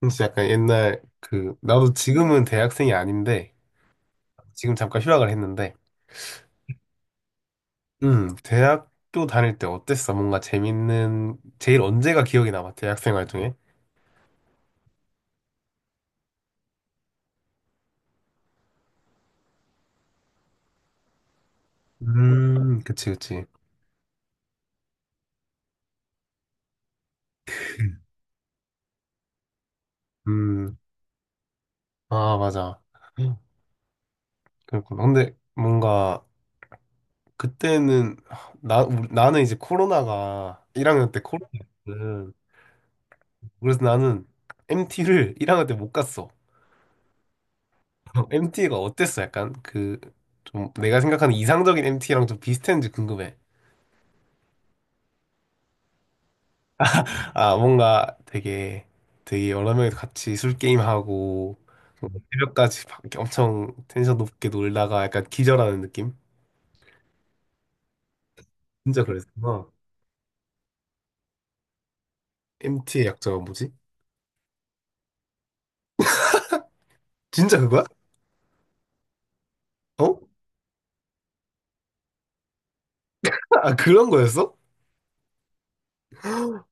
진짜 약간 옛날 그 나도 지금은 대학생이 아닌데 지금 잠깐 휴학을 했는데 대학교 다닐 때 어땠어? 뭔가 재밌는 제일 언제가 기억이 남아? 대학생 활 중에? 그치, 그치. 음아 맞아. 그렇구나. 근데 뭔가 그때는 나는 이제 코로나가 1학년 때 코로나였거든. 그래서 나는 MT를 1학년 때 못 갔어. MT가 어땠어? 약간 그 좀 내가 생각하는 이상적인 MT랑 좀 비슷했는지 궁금해. 아 뭔가 되게 되게 여러 명이 같이 술 게임 하고 새벽까지 막 엄청 텐션 높게 놀다가 약간 기절하는 느낌? 진짜 그랬어. MT의 약자가 뭐지? 진짜 그거야? 어? 아 그런 거였어?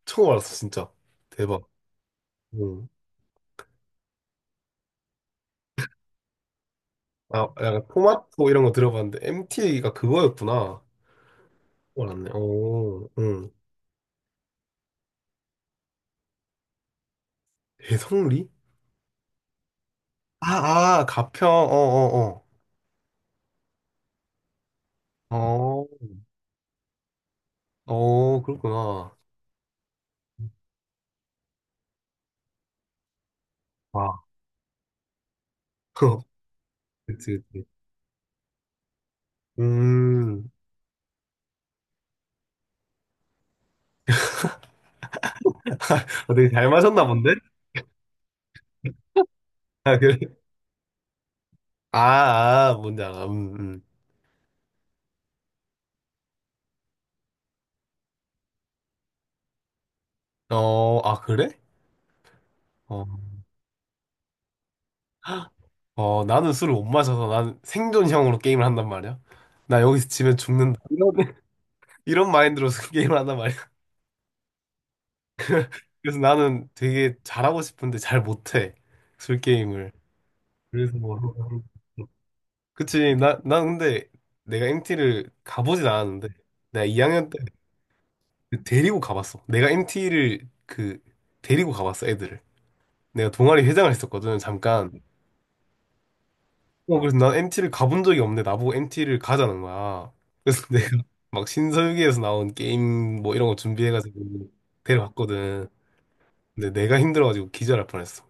처음 알았어 진짜. 대박. 응. 아 약간 토마토 이런 거 들어봤는데 MT가 그거였구나. 알았네. 오, 응. 대성리? 아, 아, 가평, 어, 어, 어. 어, 어, 그렇구나. 와, 그치, 그치. 음, 어, 되게 잘 마셨나 본데? 아, 그래? 아, 아, 뭔지 알아. 어, 아, 그래? 어, 어, 나는 술을 못 마셔서 난 생존형으로 게임을 한단 말이야. 나 여기서 지면 죽는다. 이런, 이런 마인드로 술 게임을 한단 말이야. 그래서 나는 되게 잘하고 싶은데 잘 못해. 술 게임을. 그래서 뭐. 그치. 난 근데 내가 MT를 가보진 않았는데, 내가 2학년 때 그 데리고 가봤어. 내가 MT를 그, 데리고 가봤어, 애들을. 내가 동아리 회장을 했었거든, 잠깐. 어, 그래서 난 MT를 가본 적이 없는데, 나보고 MT를 가자는 거야. 그래서 내가 막 신서유기에서 나온 게임 뭐 이런 거 준비해가지고 데려갔거든. 근데 내가 힘들어가지고 기절할 뻔했어.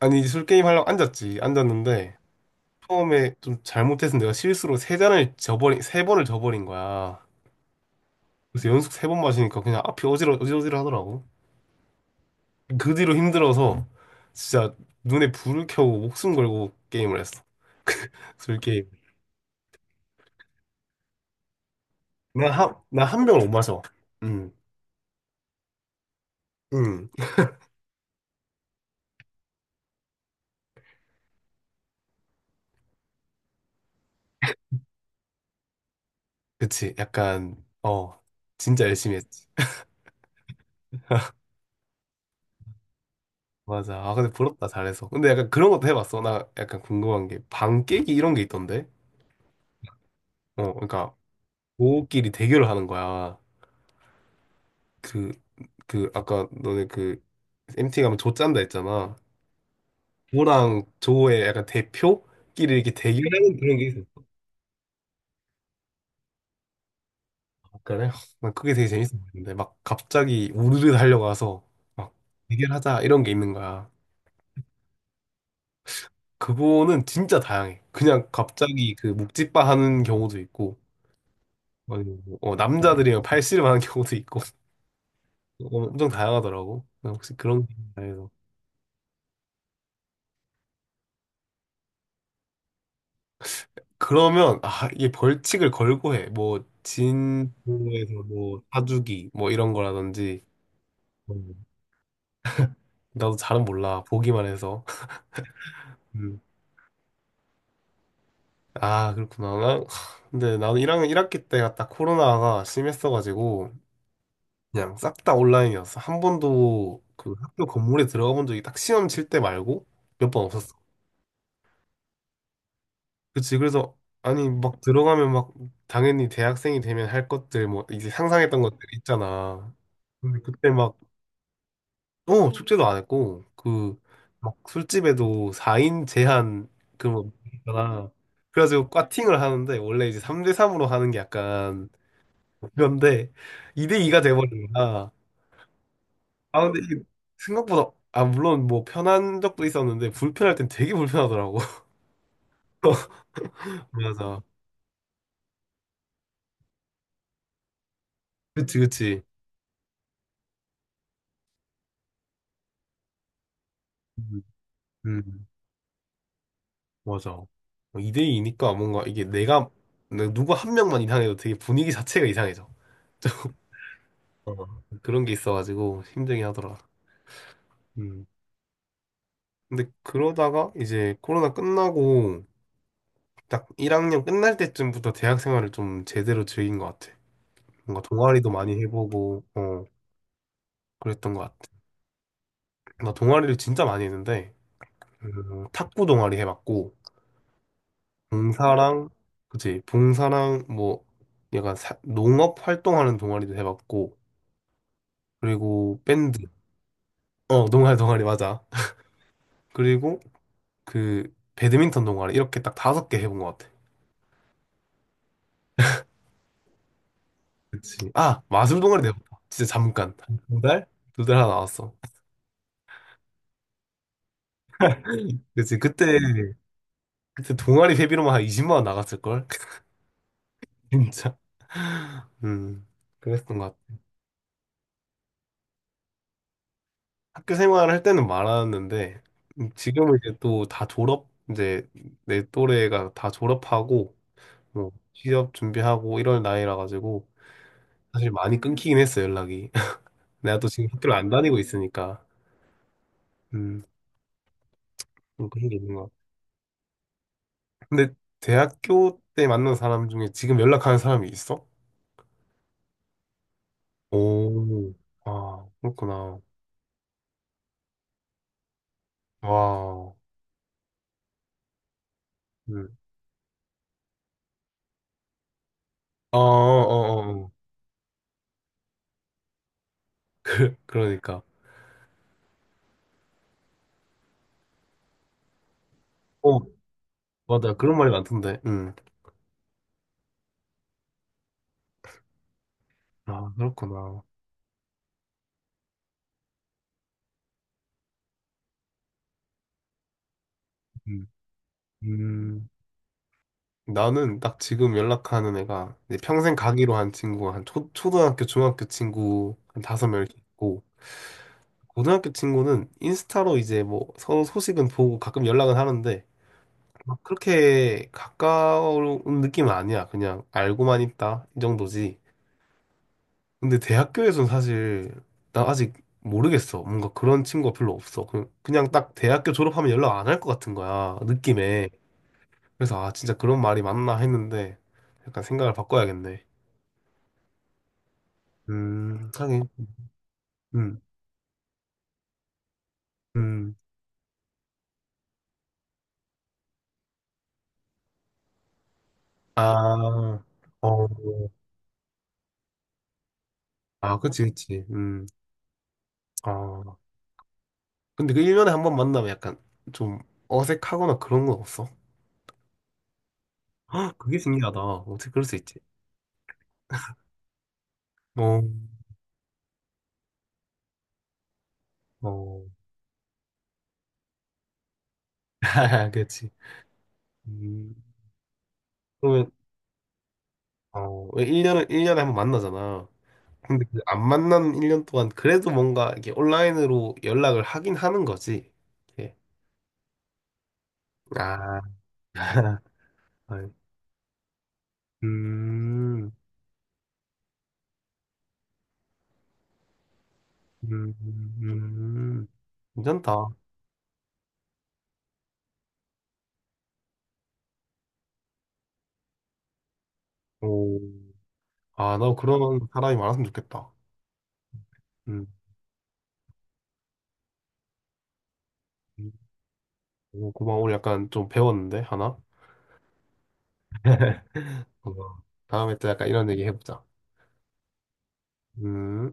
아니, 술 게임 하려고 앉았지. 앉았는데, 처음에 좀 잘못해서 내가 실수로 세 잔을 저버린, 세 번을 저버린 거야. 그래서 연속 세 번 마시니까 그냥 앞이 어지러지러 하더라고. 그 뒤로 힘들어서 진짜 눈에 불을 켜고 목숨 걸고 게임을 했어. 술 게임. 나한나한 병을 못 마셔. 응. 응. 그치. 약간 어 진짜 열심히 했지. 맞아. 아 근데 부럽다 잘해서. 근데 약간 그런 것도 해봤어. 나 약간 궁금한 게 방 깨기 이런 게 있던데. 어, 그러니까 고끼리 대결을 하는 거야. 그 그 아까 너네 그 MT 가면 조 짠다 했잖아. 조랑 조의 약간 대표끼리 이렇게 대결하는 그런 게 있어요. 그난 그게 되게 재밌어 보이는데 막 갑자기 우르르 달려가서 막 대결하자 이런 게 있는 거야. 그거는 진짜 다양해. 그냥 갑자기 그 묵찌빠 하는 경우도 있고 아니면 뭐, 어, 남자들이랑 팔씨름 하는 경우도 있고 어, 엄청 다양하더라고. 난 혹시 그런 게 있나요? 그러면 아 이게 벌칙을 걸고 해. 뭐 진도에서 뭐 사주기 뭐 이런 거라든지 음, 나도 잘은 몰라 보기만 해서. 음. 아, 그렇구나. 난- 근데 나는 1학년 일학기 때가 딱 코로나가 심했어가지고, 그냥 싹 다 온라인이었어. 한 번도 그 학교 건물에 들어가 본 적이 딱 시험 칠 때 말고 몇 번 없었어. 그치. 그래서, 아니, 막 들어가면 막, 당연히 대학생이 되면 할 것들, 뭐, 이제 상상했던 것들 있잖아. 근데 그때 막, 어, 축제도 안 했고, 그, 막 술집에도 4인 제한, 그, 뭐, 있잖아. 그래가지고 꽈팅을 하는데, 원래 이제 3대3으로 하는 게 약간, 그런데 2대2가 돼버리니까 아 근데 이게 생각보다 아 물론 뭐 편한 적도 있었는데 불편할 땐 되게 불편하더라고. 맞아. 그치, 그치. 음, 음, 맞아. 2대2니까 뭔가 이게 내가 누구 한 명만 이상해도 되게 분위기 자체가 이상해져. 좀 어, 그런 게 있어가지고 힘들긴 하더라. 음. 근데 그러다가 이제 코로나 끝나고 딱 1학년 끝날 때쯤부터 대학 생활을 좀 제대로 즐긴 것 같아. 뭔가 동아리도 많이 해보고 어 그랬던 것 같아. 나 동아리를 진짜 많이 했는데 탁구 동아리 해봤고 봉사랑 그치 봉사랑 뭐 약간 사- 농업 활동하는 동아리도 해봤고 그리고 밴드 어 농활 동아리 맞아. 그리고 그 배드민턴 동아리 이렇게 딱 다섯 개 해본 것 같아. 그치 아 마술 동아리도 해봤다. 진짜 잠깐 두 달? 두 달 하나 나왔어. 그치 그때 동아리 회비로만 한 20만 원 나갔을 걸. 진짜. 음. 그랬던 것 같아. 학교 생활을 할 때는 많았는데 지금은 이제 또 다 졸업 이제 내 또래가 다 졸업하고 뭐 취업 준비하고 이럴 나이라 가지고 사실 많이 끊기긴 했어 연락이. 내가 또 지금 학교를 안 다니고 있으니까 음 좀 그런 게 있는 것 같아. 근데 대학교 때 만난 사람 중에 지금 연락하는 사람이 있어? 오, 아, 그렇구나. 와, 음. 어, 어, 어, 어. 그러니까. 어, 맞아. 그런 말이 많던데. 음. 아, 그렇구나. 음. 음, 나는 딱 지금 연락하는 애가 이제 평생 가기로 한 친구가 한 초등학교, 중학교 친구 한 다섯 명 이렇게 있고 고등학교 친구는 인스타로 이제 뭐 서로 소식은 보고 가끔 연락은 하는데 막 그렇게 가까운 느낌은 아니야. 그냥 알고만 있다 이 정도지. 근데 대학교에서는 사실 나 아직 모르겠어. 뭔가 그런 친구가 별로 없어. 그냥 딱 대학교 졸업하면 연락 안 할 것 같은 거야. 느낌에. 그래서 아 진짜 그런 말이 맞나 했는데 약간 생각을 바꿔야겠네. 하긴. 음. 음. 아, 어, 아, 그치, 그치, 아, 근데 그 1년에 한 번 만나면 약간 좀 어색하거나 그런 건 없어? 헉, 그게 신기하다. 어떻게 그럴 수 있지? 어, 어, 그치. 음, 그러면, 어, 1년에 한 번 만나잖아. 근데 그안 만난 1년 동안 그래도 뭔가 이렇게 온라인으로 연락을 하긴 하는 거지. 이렇게. 아, 아이, 음, 음, 음, 괜찮다. 오, 아, 나 그런 사람이 많았으면 좋겠다. 음, 음. 오, 고마워. 오늘 약간 좀 배웠는데, 하나? 고마워. 다음에 또 약간 이런 얘기 해보자. 음.